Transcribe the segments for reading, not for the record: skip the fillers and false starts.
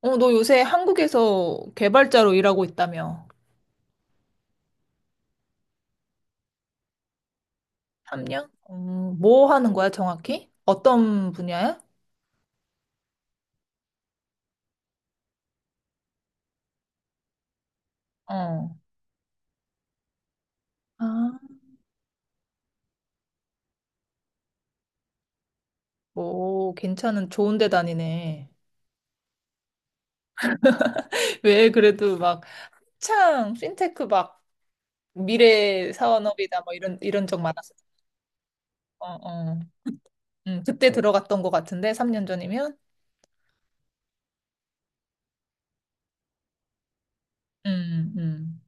어, 너 요새 한국에서 개발자로 일하고 있다며? 3년? 뭐 하는 거야, 정확히? 어떤 분야야? 어. 아, 뭐, 좋은 데 다니네. 왜 그래도 막, 핀테크 막, 미래 사원업이다, 뭐, 이런 적 많았어. 어, 어. 그때 들어갔던 것 같은데, 3년 전이면? 음, 음.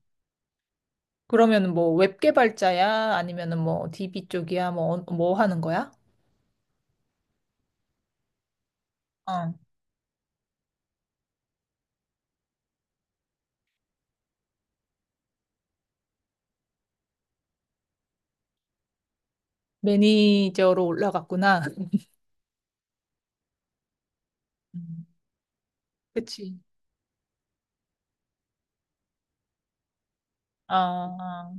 그러면 뭐, 웹 개발자야? 아니면은 뭐, DB 쪽이야? 뭐, 뭐 하는 거야? 어. 매니저로 올라갔구나. 음. 그치, 아,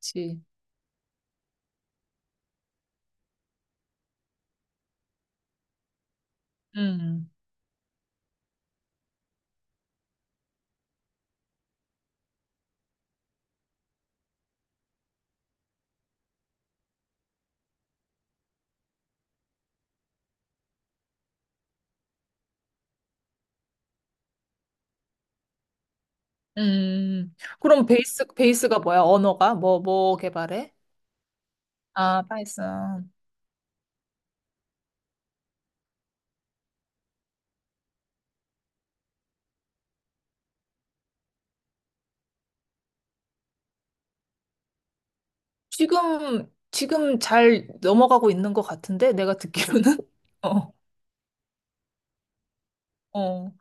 그치. 음, 그럼 베이스가 뭐야? 언어가? 뭐, 뭐 개발해? 아, 파이썬. 지금 잘 넘어가고 있는 것 같은데? 내가 듣기로는? 어, 어.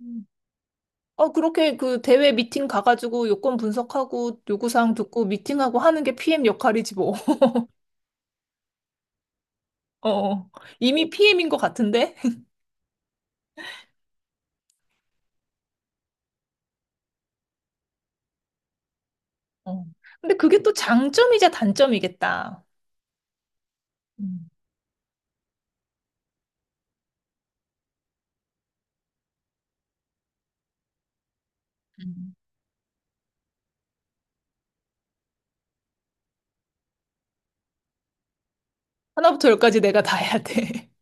음. 어, 그렇게 그 대회 미팅 가가지고 요건 분석하고 요구사항 듣고 미팅하고 하는 게 PM 역할이지 뭐. 어, 어. 이미 PM인 것 같은데? 어. 근데 그게 또 장점이자 단점이겠다. 음, 음. 하나부터 열까지 내가 다 해야 돼.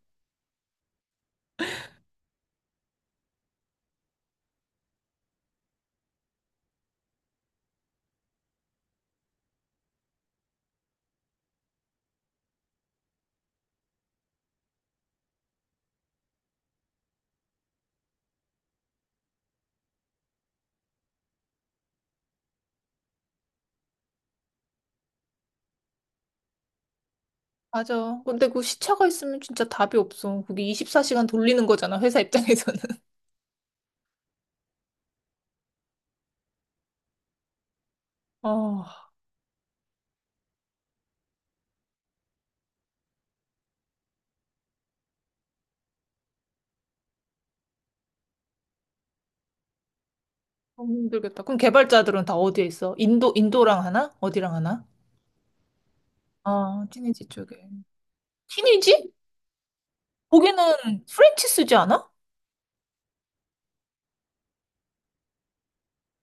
맞아. 근데 그 시차가 있으면 진짜 답이 없어. 그게 24시간 돌리는 거잖아, 회사 입장에서는. 아, 너무 힘들겠다. 그럼 개발자들은 다 어디에 있어? 인도랑 하나? 어디랑 하나? 아, 티니지 쪽에. 티니지? 거기는 프렌치 쓰지 않아?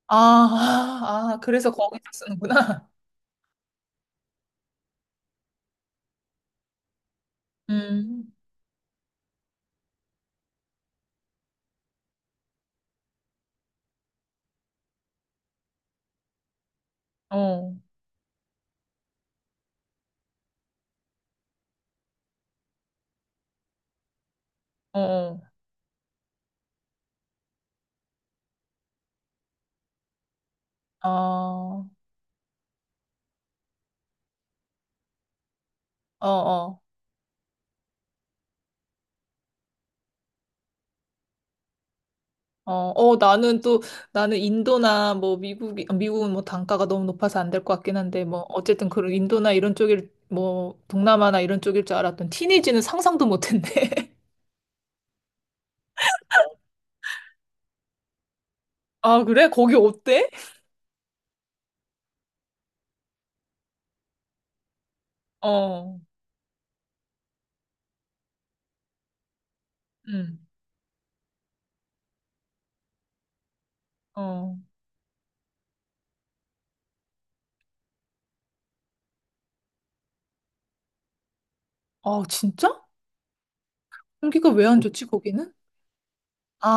아, 아, 아, 그래서 거기서 쓰는구나. 음, 어, 어, 어, 어, 어, 어. 어, 어, 나는 인도나 뭐 미국은 뭐 단가가 너무 높아서 안 될 것 같긴 한데, 뭐 어쨌든 그런 인도나 이런 뭐 동남아나 이런 쪽일 줄 알았던 티니지는 상상도 못 했네. 아, 그래? 거기 어때? 어, 응, 어. 아, 진짜? 공기가 왜 안 좋지, 거기는? 아,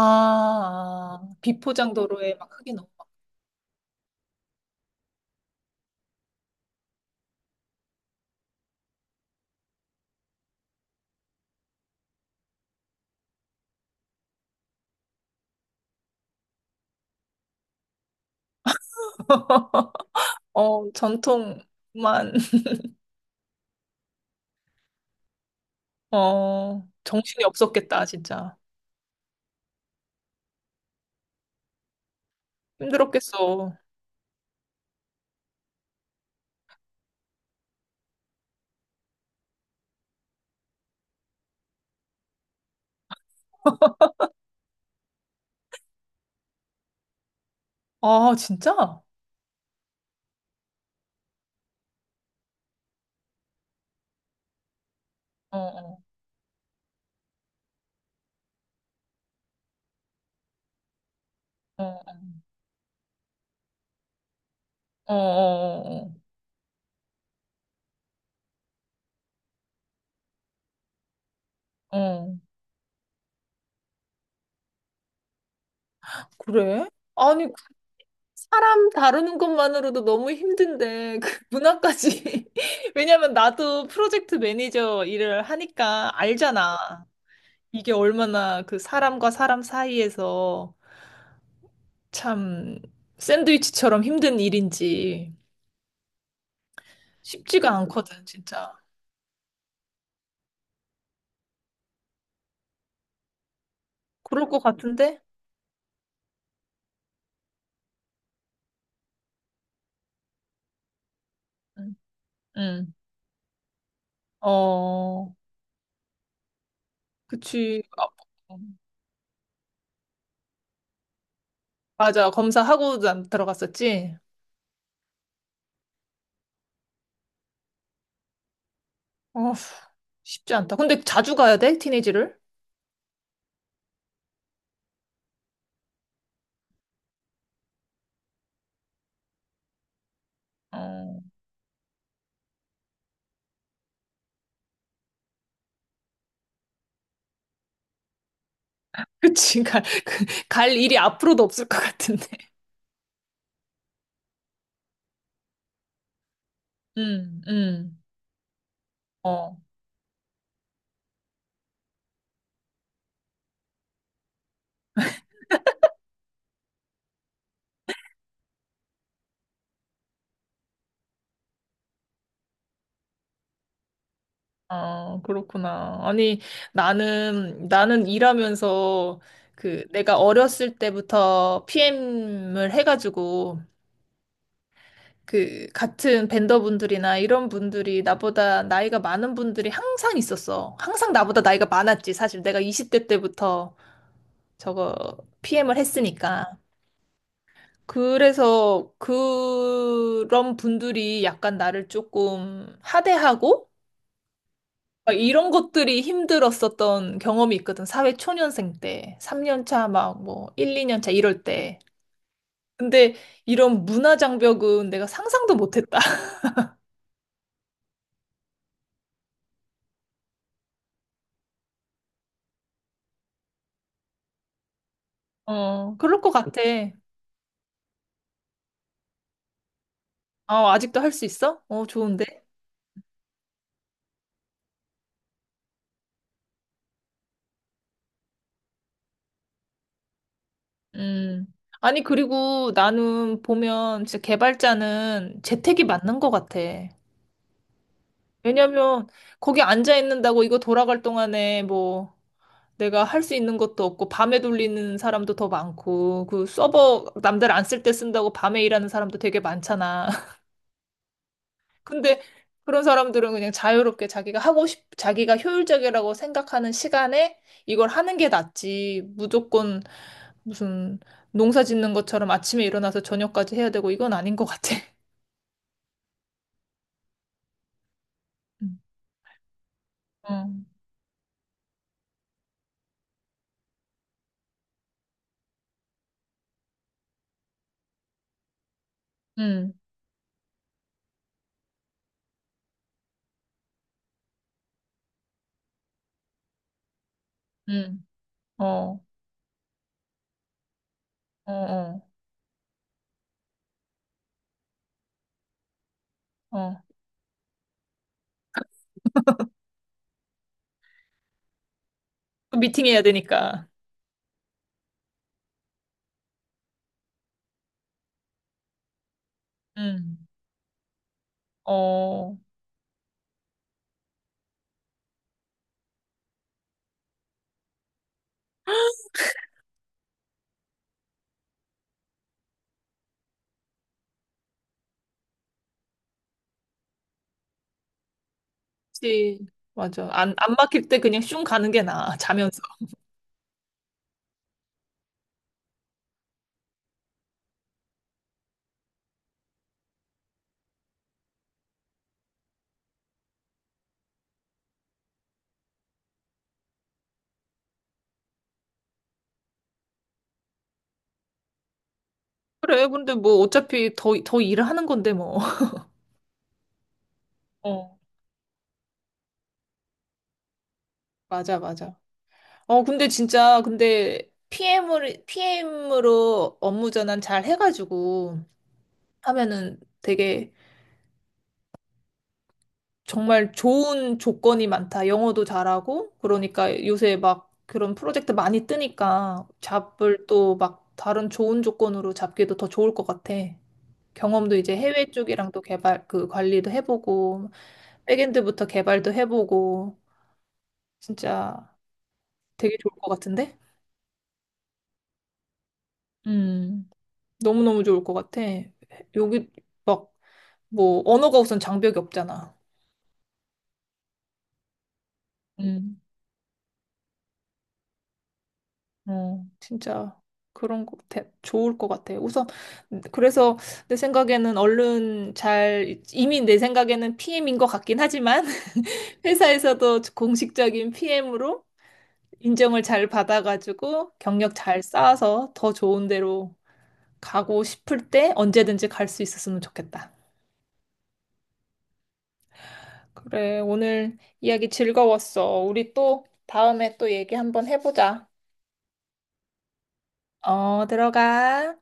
아, 비포장 도로에 막 흙이 넘어. 어, 전통만, 어, 정신이 없었겠다, 진짜. 힘들었겠어. 아, 진짜? 어, 어. 어, 어, 어, 어. 어. 어. 그래? 아니, 그 사람 다루는 것만으로도 너무 힘든데, 그 문화까지. 왜냐면 나도 프로젝트 매니저 일을 하니까 알잖아. 이게 얼마나 그 사람과 사람 사이에서 참 샌드위치처럼 힘든 일인지 쉽지가 않거든, 진짜. 그럴 것 같은데? 응, 응. 어, 그치. 아, 맞아. 검사하고 난 들어갔었지? 어, 쉽지 않다. 근데 자주 가야 돼? 티네이지를? 어, 그치. 갈, 그, 갈 일이 앞으로도 없을 것 같은데. 음, 음. 어, 아, 그렇구나. 아니, 나는 일하면서 그 내가 어렸을 때부터 PM을 해가지고 그 같은 벤더분들이나 이런 분들이 나보다 나이가 많은 분들이 항상 있었어. 항상 나보다 나이가 많았지. 사실 내가 20대 때부터 저거 PM을 했으니까. 그래서 그런 분들이 약간 나를 조금 하대하고 막 이런 것들이 힘들었었던 경험이 있거든. 사회 초년생 때, 3년 차 막 뭐 1, 2년 차 이럴 때. 근데 이런 문화 장벽은 내가 상상도 못했다. 어, 그럴 것 같아. 어, 아직도 할 수 있어? 어, 좋은데? 음. 아니, 그리고 나는 보면 진짜 개발자는 재택이 맞는 것 같아. 왜냐면 거기 앉아 있는다고 이거 돌아갈 동안에 뭐 내가 할 수 있는 것도 없고 밤에 돌리는 사람도 더 많고 그 서버 남들 안 쓸 때 쓴다고 밤에 일하는 사람도 되게 많잖아. 근데 그런 사람들은 그냥 자유롭게 자기가 효율적이라고 생각하는 시간에 이걸 하는 게 낫지. 무조건 무슨 농사 짓는 것처럼 아침에 일어나서 저녁까지 해야 되고 이건 아닌 것 같아. 응, 응, 응, 응. 어, 음. 어, 어. 어. 또 미팅해야 되니까. 음. 어, 그치. 맞아. 안 막힐 때 그냥 슝 가는 게 나아, 자면서. 그래, 근데 뭐 어차피 더 일을 하는 건데 뭐. 어, 맞아, 맞아. 어, 근데 진짜, 근데 PM으로 업무 전환 잘 해가지고 하면은 되게 정말 좋은 조건이 많다. 영어도 잘하고. 그러니까 요새 막 그런 프로젝트 많이 뜨니까 잡을 또 막 다른 좋은 조건으로 잡기도 더 좋을 것 같아. 경험도 이제 해외 쪽이랑 또 개발 그 관리도 해보고 백엔드부터 개발도 해보고 진짜 되게 좋을 것 같은데? 음, 너무너무 좋을 것 같아. 여기 막 뭐 언어가 우선 장벽이 없잖아. 음. 어, 진짜 그런 거 좋을 것 같아. 우선 그래서 내 생각에는 얼른 잘 이미 내 생각에는 PM인 것 같긴 하지만 회사에서도 공식적인 PM으로 인정을 잘 받아가지고 경력 잘 쌓아서 더 좋은 데로 가고 싶을 때 언제든지 갈 수 있었으면 좋겠다. 그래, 오늘 이야기 즐거웠어. 우리 또 다음에 또 얘기 한번 해보자. 어, 들어가.